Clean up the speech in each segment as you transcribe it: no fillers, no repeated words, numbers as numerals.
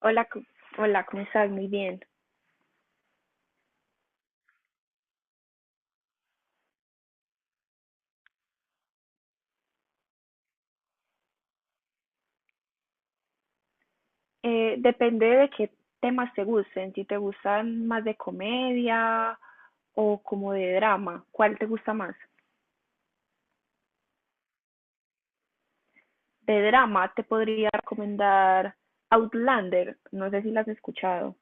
Hola, hola, ¿cómo estás? Muy bien. Depende de qué temas te gusten, si te gustan más de comedia o como de drama, ¿cuál te gusta más? De drama te podría recomendar Outlander, no sé si la has escuchado.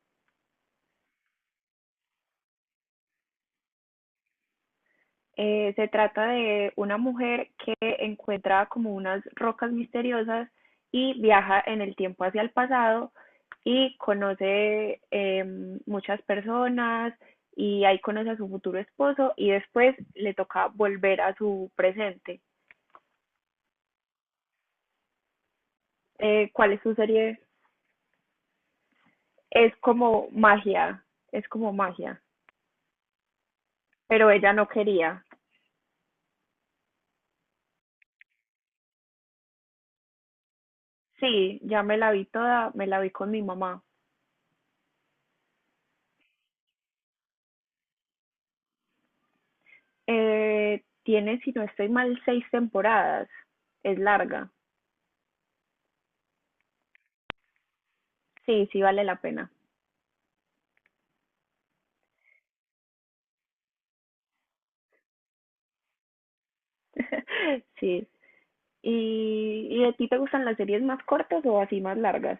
Se trata de una mujer que encuentra como unas rocas misteriosas y viaja en el tiempo hacia el pasado y conoce muchas personas y ahí conoce a su futuro esposo y después le toca volver a su presente. ¿Cuál es su serie? Es como magia, es como magia, pero ella no quería. Sí, ya me la vi toda, me la vi con mi mamá. Tiene, si no estoy mal, seis temporadas. Es larga. Sí, sí vale la pena. Sí. ¿Y, a ti te gustan las series más cortas o así más largas?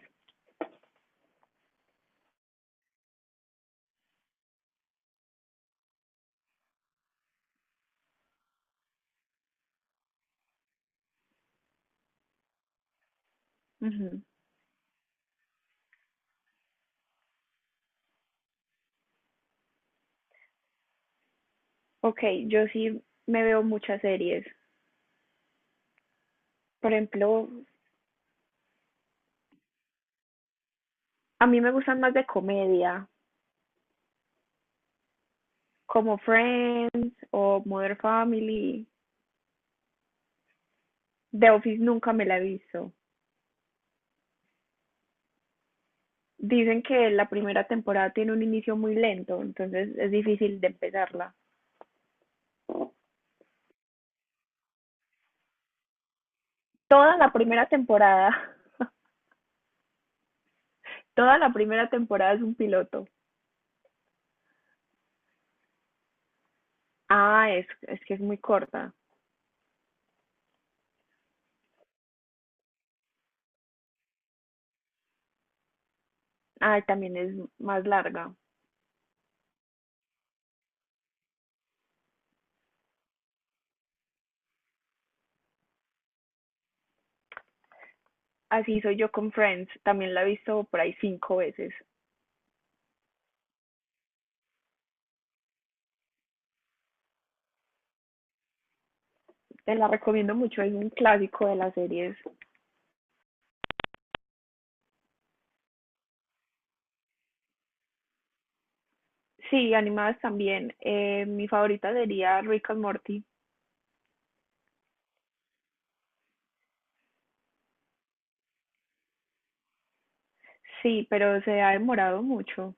Ujú. Ok, yo sí me veo muchas series. Por ejemplo, a mí me gustan más de comedia, como Friends o Modern Family. The Office nunca me la he visto. Dicen que la primera temporada tiene un inicio muy lento, entonces es difícil de empezarla. Toda la primera temporada, toda la primera temporada es un piloto. Ah, es que es muy corta. Ah, también es más larga. Así soy yo con Friends. También la he visto por ahí cinco veces. Te la recomiendo mucho. Es un clásico de las series. Sí, animadas también. Mi favorita sería Rick and Morty. Sí, pero se ha demorado mucho.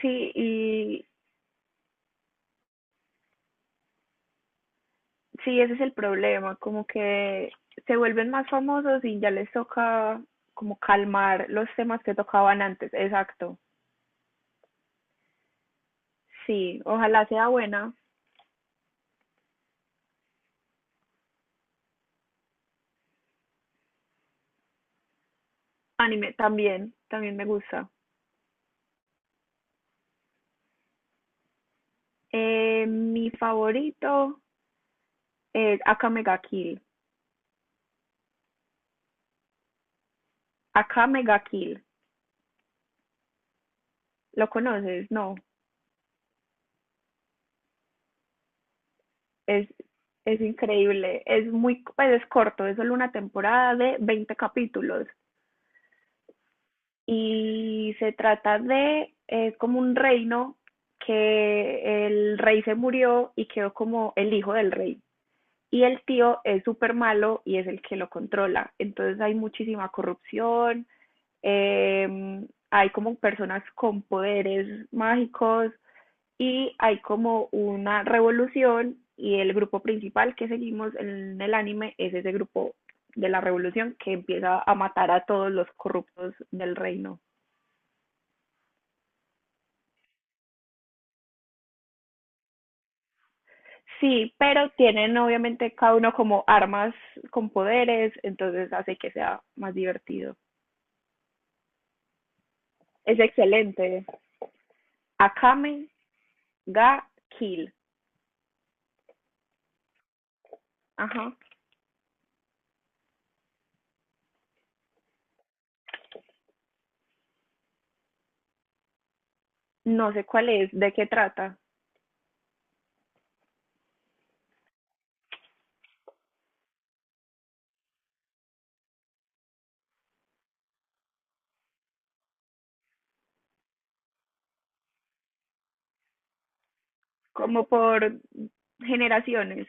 Sí, y sí, ese es el problema, como que se vuelven más famosos y ya les toca como calmar los temas que tocaban antes. Exacto. Sí, ojalá sea buena. Anime también, también me gusta. Mi favorito es Akame ga Kill. Akame ga Kill. ¿Lo conoces? No. Es, es increíble. Pues es corto, es solo una temporada de 20 capítulos. Y se trata de, es como un reino que el rey se murió y quedó como el hijo del rey. Y el tío es súper malo y es el que lo controla. Entonces hay muchísima corrupción, eh, hay como personas con poderes mágicos y hay como una revolución y el grupo principal que seguimos en el anime es ese grupo de la revolución que empieza a matar a todos los corruptos del reino. Sí, pero tienen obviamente cada uno como armas con poderes, entonces hace que sea más divertido. Es excelente. Akame ga Kill. Ajá. No sé cuál es, de qué trata. Como por generaciones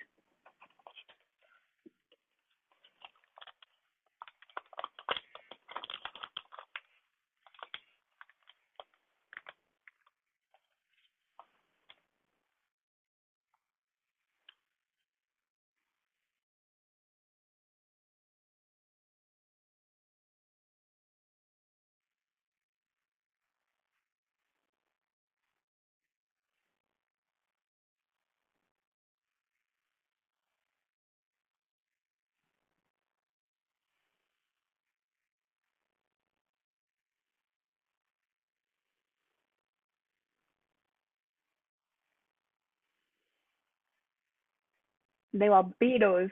de vampiros.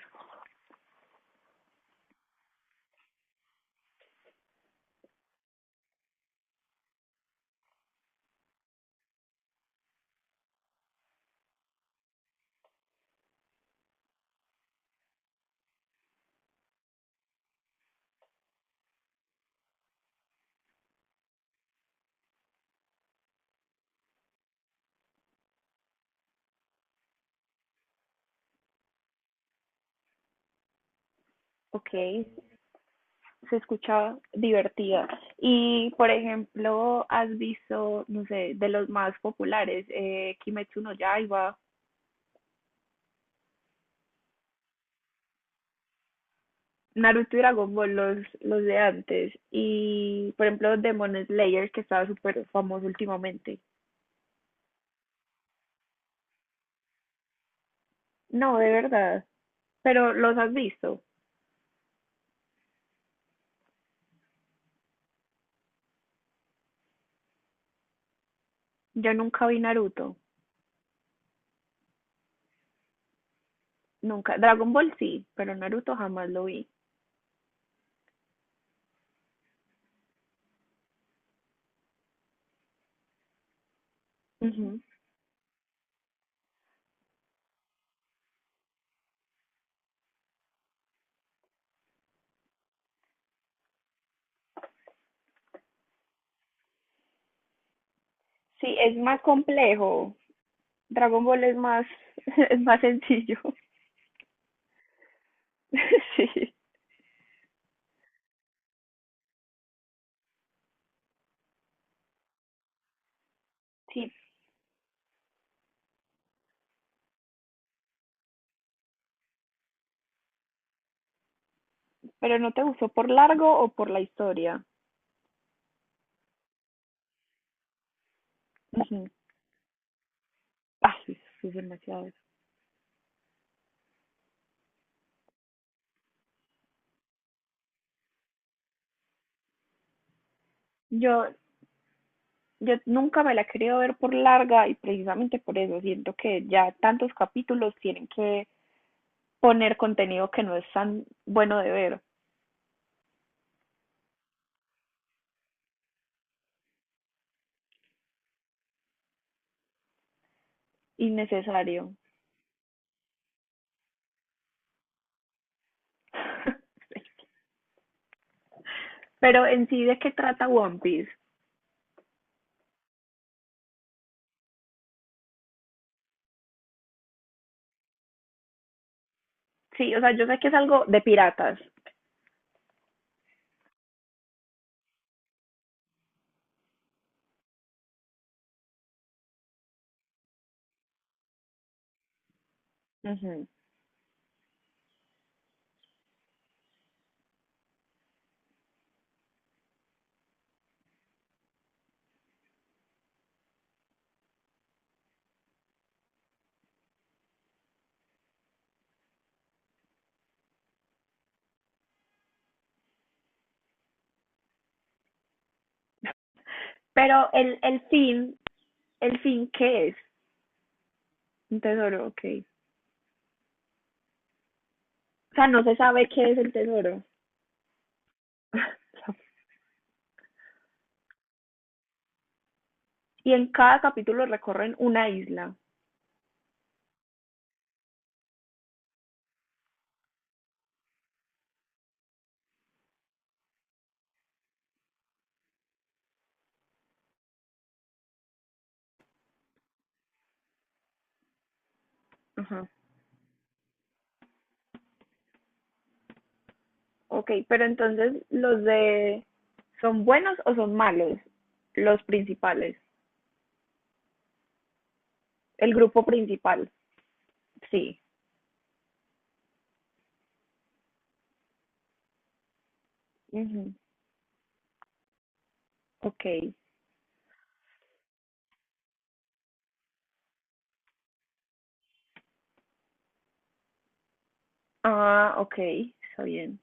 Ok, se escucha divertida. Y, por ejemplo, has visto, no sé, de los más populares, Kimetsu no Yaiba, Naruto y Dragon Ball, los de antes, y por ejemplo Demon Slayer, que estaba súper famoso últimamente. No, de verdad, pero los has visto. Yo nunca vi Naruto, nunca. Dragon Ball sí, pero Naruto jamás lo vi. Ujú. Sí, es más complejo. Dragon Ball es más, es más sencillo. Sí, sí, pero ¿no te gustó por largo o por la historia? Ujú. Ah, sí, sí, es demasiado. Yo, yo nunca me la he querido ver por larga y precisamente por eso siento que ya tantos capítulos tienen que poner contenido que no es tan bueno de ver, innecesario. Pero en sí, ¿de qué trata One Piece? Sí, o sea, yo sé que es algo de piratas, ujú, pero el fin, el fin, ¿qué es? Un tesoro, ok. O sea, no se sabe qué es el tesoro. Y en cada capítulo recorren una isla. Ajá. Ok, pero entonces los de son buenos o son malos, los principales, el grupo principal, sí. Ujú, ok, ah, ok, está bien.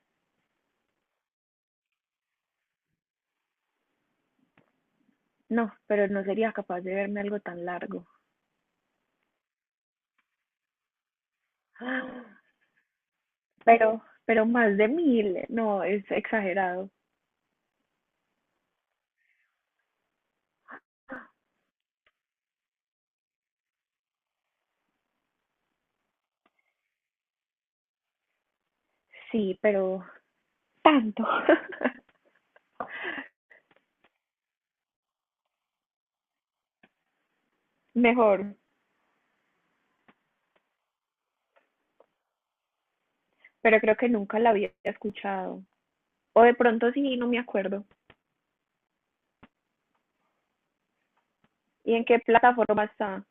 No, pero no sería capaz de verme algo tan largo. Ah, pero más de mil, no, es exagerado. Sí, pero tanto. Mejor, pero creo que nunca la había escuchado. O de pronto sí, no me acuerdo. ¿Y en qué plataforma está?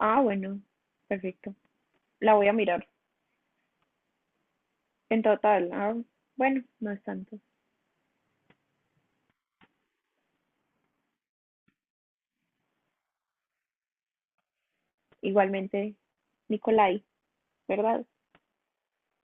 Ah, bueno, perfecto. La voy a mirar. En total, ah, bueno, no es tanto. Igualmente, Nicolai, ¿verdad?